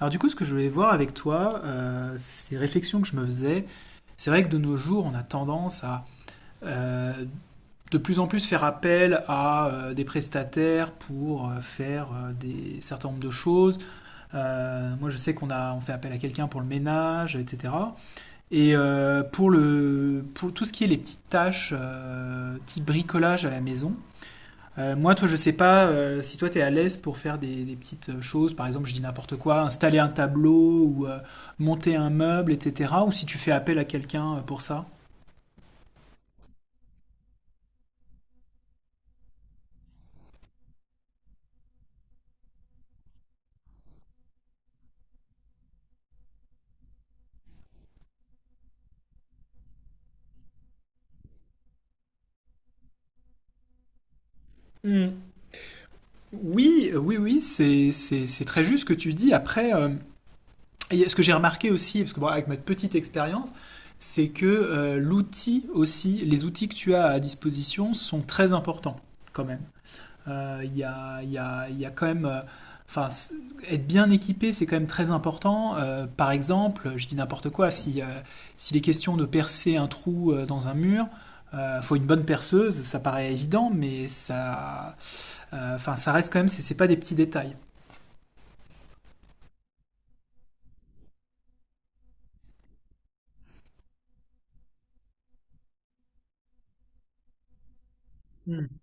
Alors du coup, ce que je voulais voir avec toi, ces réflexions que je me faisais, c'est vrai que de nos jours, on a tendance à euh, de plus en plus faire appel à des prestataires pour faire des certain nombre de choses. Moi, je sais qu'on fait appel à quelqu'un pour le ménage, etc. Et pour tout ce qui est les petites tâches type bricolage à la maison, moi, toi, je sais pas si toi, tu es à l'aise pour faire des petites choses. Par exemple, je dis n'importe quoi, installer un tableau ou monter un meuble, etc. Ou si tu fais appel à quelqu'un pour ça. Hmm. Oui, oui, oui, c'est très juste ce que tu dis. Après, et ce que j'ai remarqué aussi, parce que bon, avec ma petite expérience, c'est que l'outil aussi, les outils que tu as à disposition sont très importants quand même. Il y a, il y, a, il y, a, quand même. Enfin, être bien équipé, c'est quand même très important. Par exemple, je dis n'importe quoi, si, s'il est question de percer un trou dans un mur, il faut une bonne perceuse, ça paraît évident, mais ça, enfin, ça reste quand même, c'est pas des petits détails. Mmh.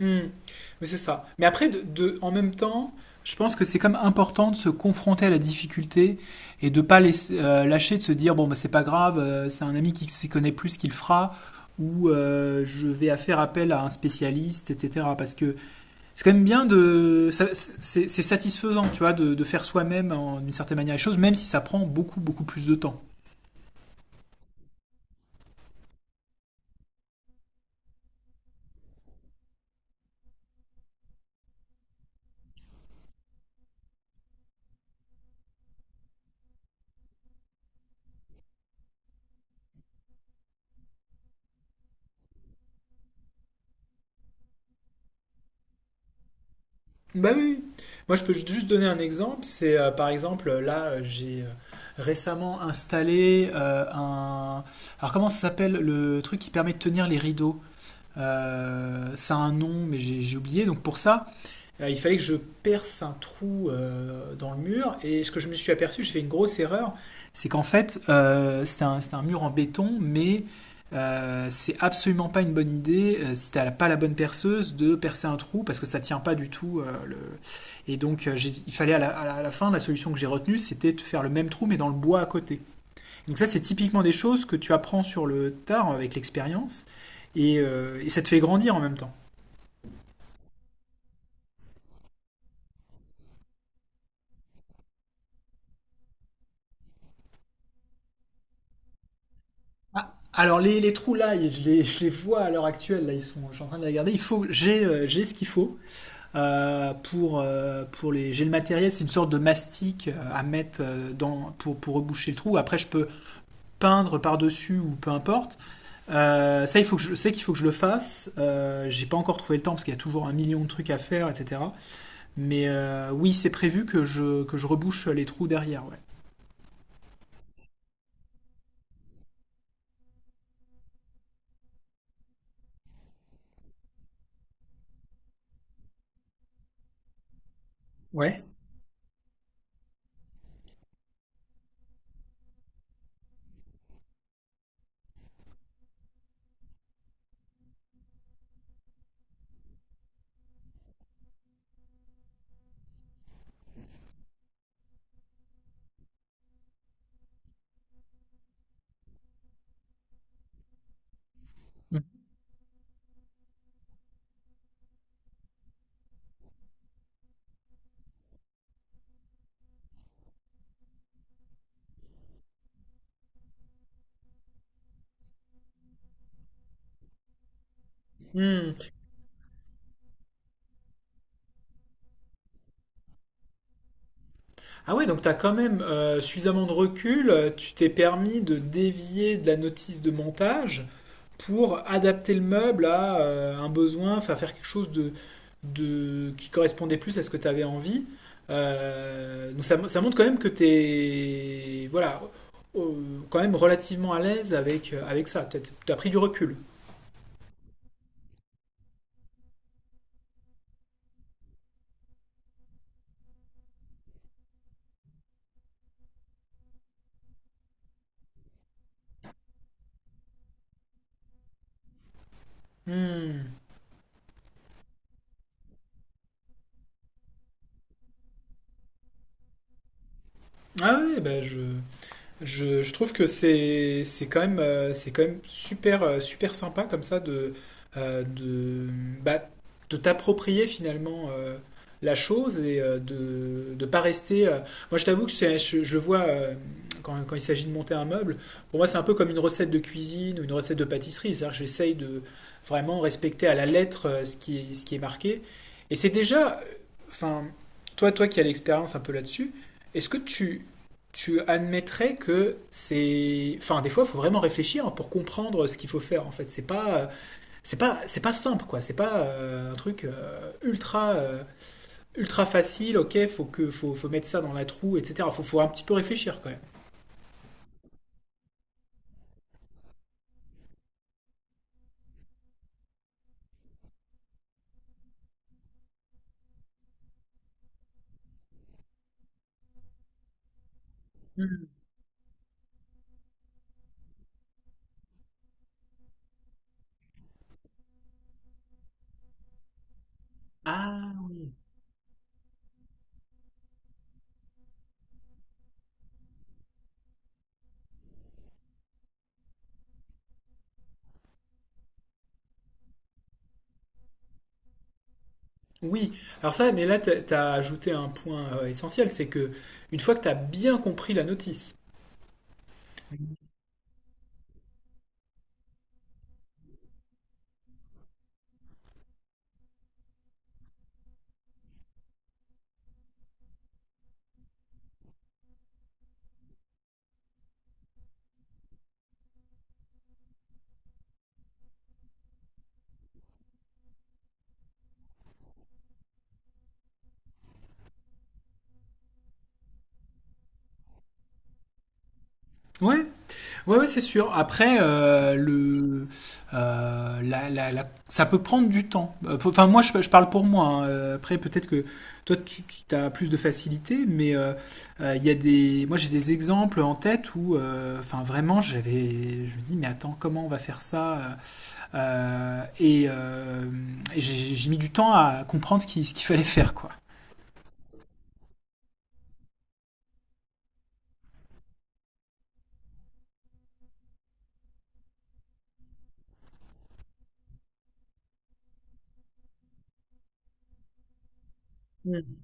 Hmm. Oui, c'est ça. Mais après, en même temps, je pense que c'est comme important de se confronter à la difficulté et de pas lâcher, de se dire, bon, bah, c'est pas grave, c'est un ami qui s'y connaît plus qu'il fera, ou je vais à faire appel à un spécialiste, etc. Parce que c'est quand même bien de... ça- c'est satisfaisant, tu vois, de faire soi-même, d'une certaine manière, les choses, même si ça prend beaucoup, beaucoup plus de temps. Bah oui, oui. Moi, je peux juste donner un exemple. C'est par exemple, là, j'ai récemment installé un. Alors, comment ça s'appelle le truc qui permet de tenir les rideaux? Ça a un nom, mais j'ai oublié. Donc, pour ça, il fallait que je perce un trou dans le mur. Et ce que je me suis aperçu, j'ai fait une grosse erreur, c'est qu'en fait, c'est un mur en béton, mais c'est absolument pas une bonne idée, si t'as pas la bonne perceuse, de percer un trou, parce que ça tient pas du tout. Et donc, il fallait à la fin, la solution que j'ai retenue, c'était de faire le même trou, mais dans le bois à côté. Donc ça, c'est typiquement des choses que tu apprends sur le tard avec l'expérience, et ça te fait grandir en même temps. Ah, alors les trous là, je les vois à l'heure actuelle, là ils sont, je suis en train de les regarder. J'ai ce qu'il faut j'ai le matériel, c'est une sorte de mastic à mettre dans pour reboucher le trou. Après je peux peindre par dessus ou peu importe. Ça il faut que je sais qu'il faut que je le fasse. J'ai pas encore trouvé le temps parce qu'il y a toujours 1 million de trucs à faire, etc. Mais oui c'est prévu que je rebouche les trous derrière, ouais. Ouais. Hmm. Ah ouais, donc t'as quand même suffisamment de recul, tu t'es permis de dévier de la notice de montage pour adapter le meuble à un besoin, enfin faire quelque chose qui correspondait plus à ce que tu avais envie. Donc ça, ça montre quand même que tu es voilà, euh, quand même relativement à l'aise avec ça. Tu as pris du recul. Hmm. Ah ouais, ben je trouve que c'est quand même, super, sympa comme ça euh, de, bah, de t'approprier finalement la chose et de ne pas rester. Moi, je t'avoue que je le vois quand il s'agit de monter un meuble. Pour moi, c'est un peu comme une recette de cuisine ou une recette de pâtisserie. C'est-à-dire que j'essaye de vraiment respecter à la lettre ce qui est marqué. Et c'est déjà, enfin, toi qui as l'expérience un peu là-dessus, est-ce que tu admettrais que c'est. Enfin, des fois, il faut vraiment réfléchir pour comprendre ce qu'il faut faire. En fait, c'est pas. C'est pas simple, quoi. C'est pas un truc ultra facile. Ok, faut mettre ça dans la troue, etc. Faut un petit peu réfléchir, quand même. Hmm. Ah oui. Alors ça, mais là, t'as ajouté un point essentiel, c'est que une fois que t'as bien compris la notice. Ouais, oui, ouais, ouais, c'est sûr. Après, ça peut prendre du temps. Enfin, moi, je parle pour moi, hein. Après, peut-être que toi, tu as plus de facilité, mais il y a des, moi, j'ai des exemples en tête où, enfin, vraiment, je me dis, mais attends, comment on va faire ça? Euh, euh, et euh, et j'ai mis du temps à comprendre ce qu'il fallait faire, quoi. Mm,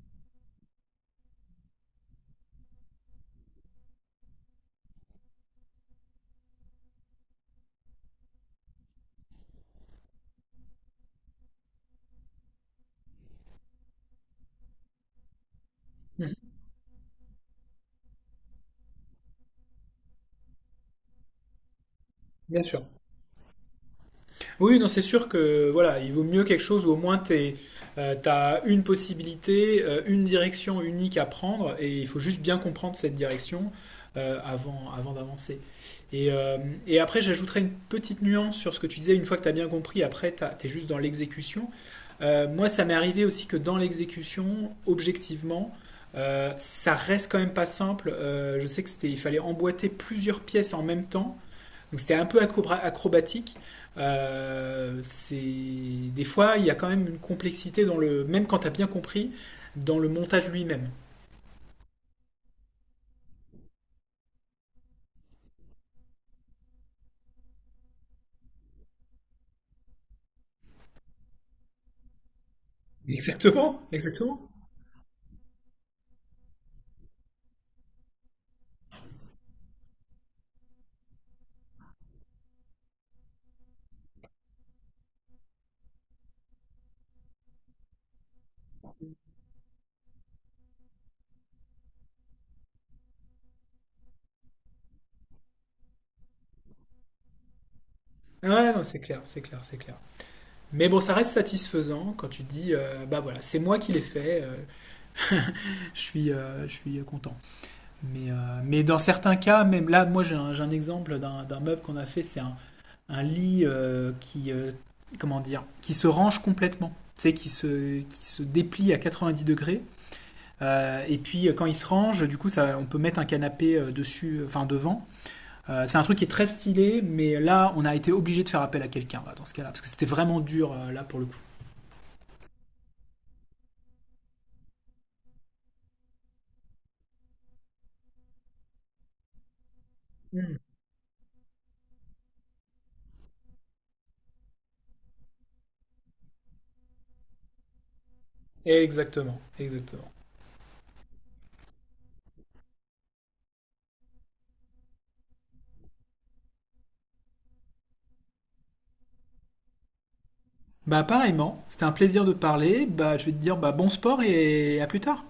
mm, bien sûr. Oui, non, c'est sûr que voilà, il vaut mieux quelque chose où au moins tu as une possibilité, une direction unique à prendre, et il faut juste bien comprendre cette direction avant d'avancer. Et, euh, et après, j'ajouterai une petite nuance sur ce que tu disais, une fois que tu as bien compris, après, tu es juste dans l'exécution. Moi, ça m'est arrivé aussi que dans l'exécution, objectivement, ça reste quand même pas simple. Je sais que c'était, il fallait emboîter plusieurs pièces en même temps donc c'était un peu acrobatique. C'est des fois il y a quand même une complexité dans le même quand t'as bien compris dans le montage lui-même. Exactement, exactement. Ouais, non, c'est clair, c'est clair, c'est clair. Mais bon, ça reste satisfaisant quand tu te dis, bah voilà, c'est moi qui l'ai fait, je suis content. Mais, euh, mais dans certains cas, même là, moi j'ai un exemple d'un meuble qu'on a fait, c'est un lit comment dire, qui se range complètement, tu sais, qui se déplie à 90 degrés. Et puis quand il se range, du coup, ça, on peut mettre un canapé dessus, enfin devant. C'est un truc qui est très stylé, mais là, on a été obligé de faire appel à quelqu'un là, dans ce cas-là, parce que c'était vraiment dur là pour le coup. Exactement, exactement. Bah pareillement, c'était un plaisir de parler. Bah je vais te dire bah bon sport et à plus tard.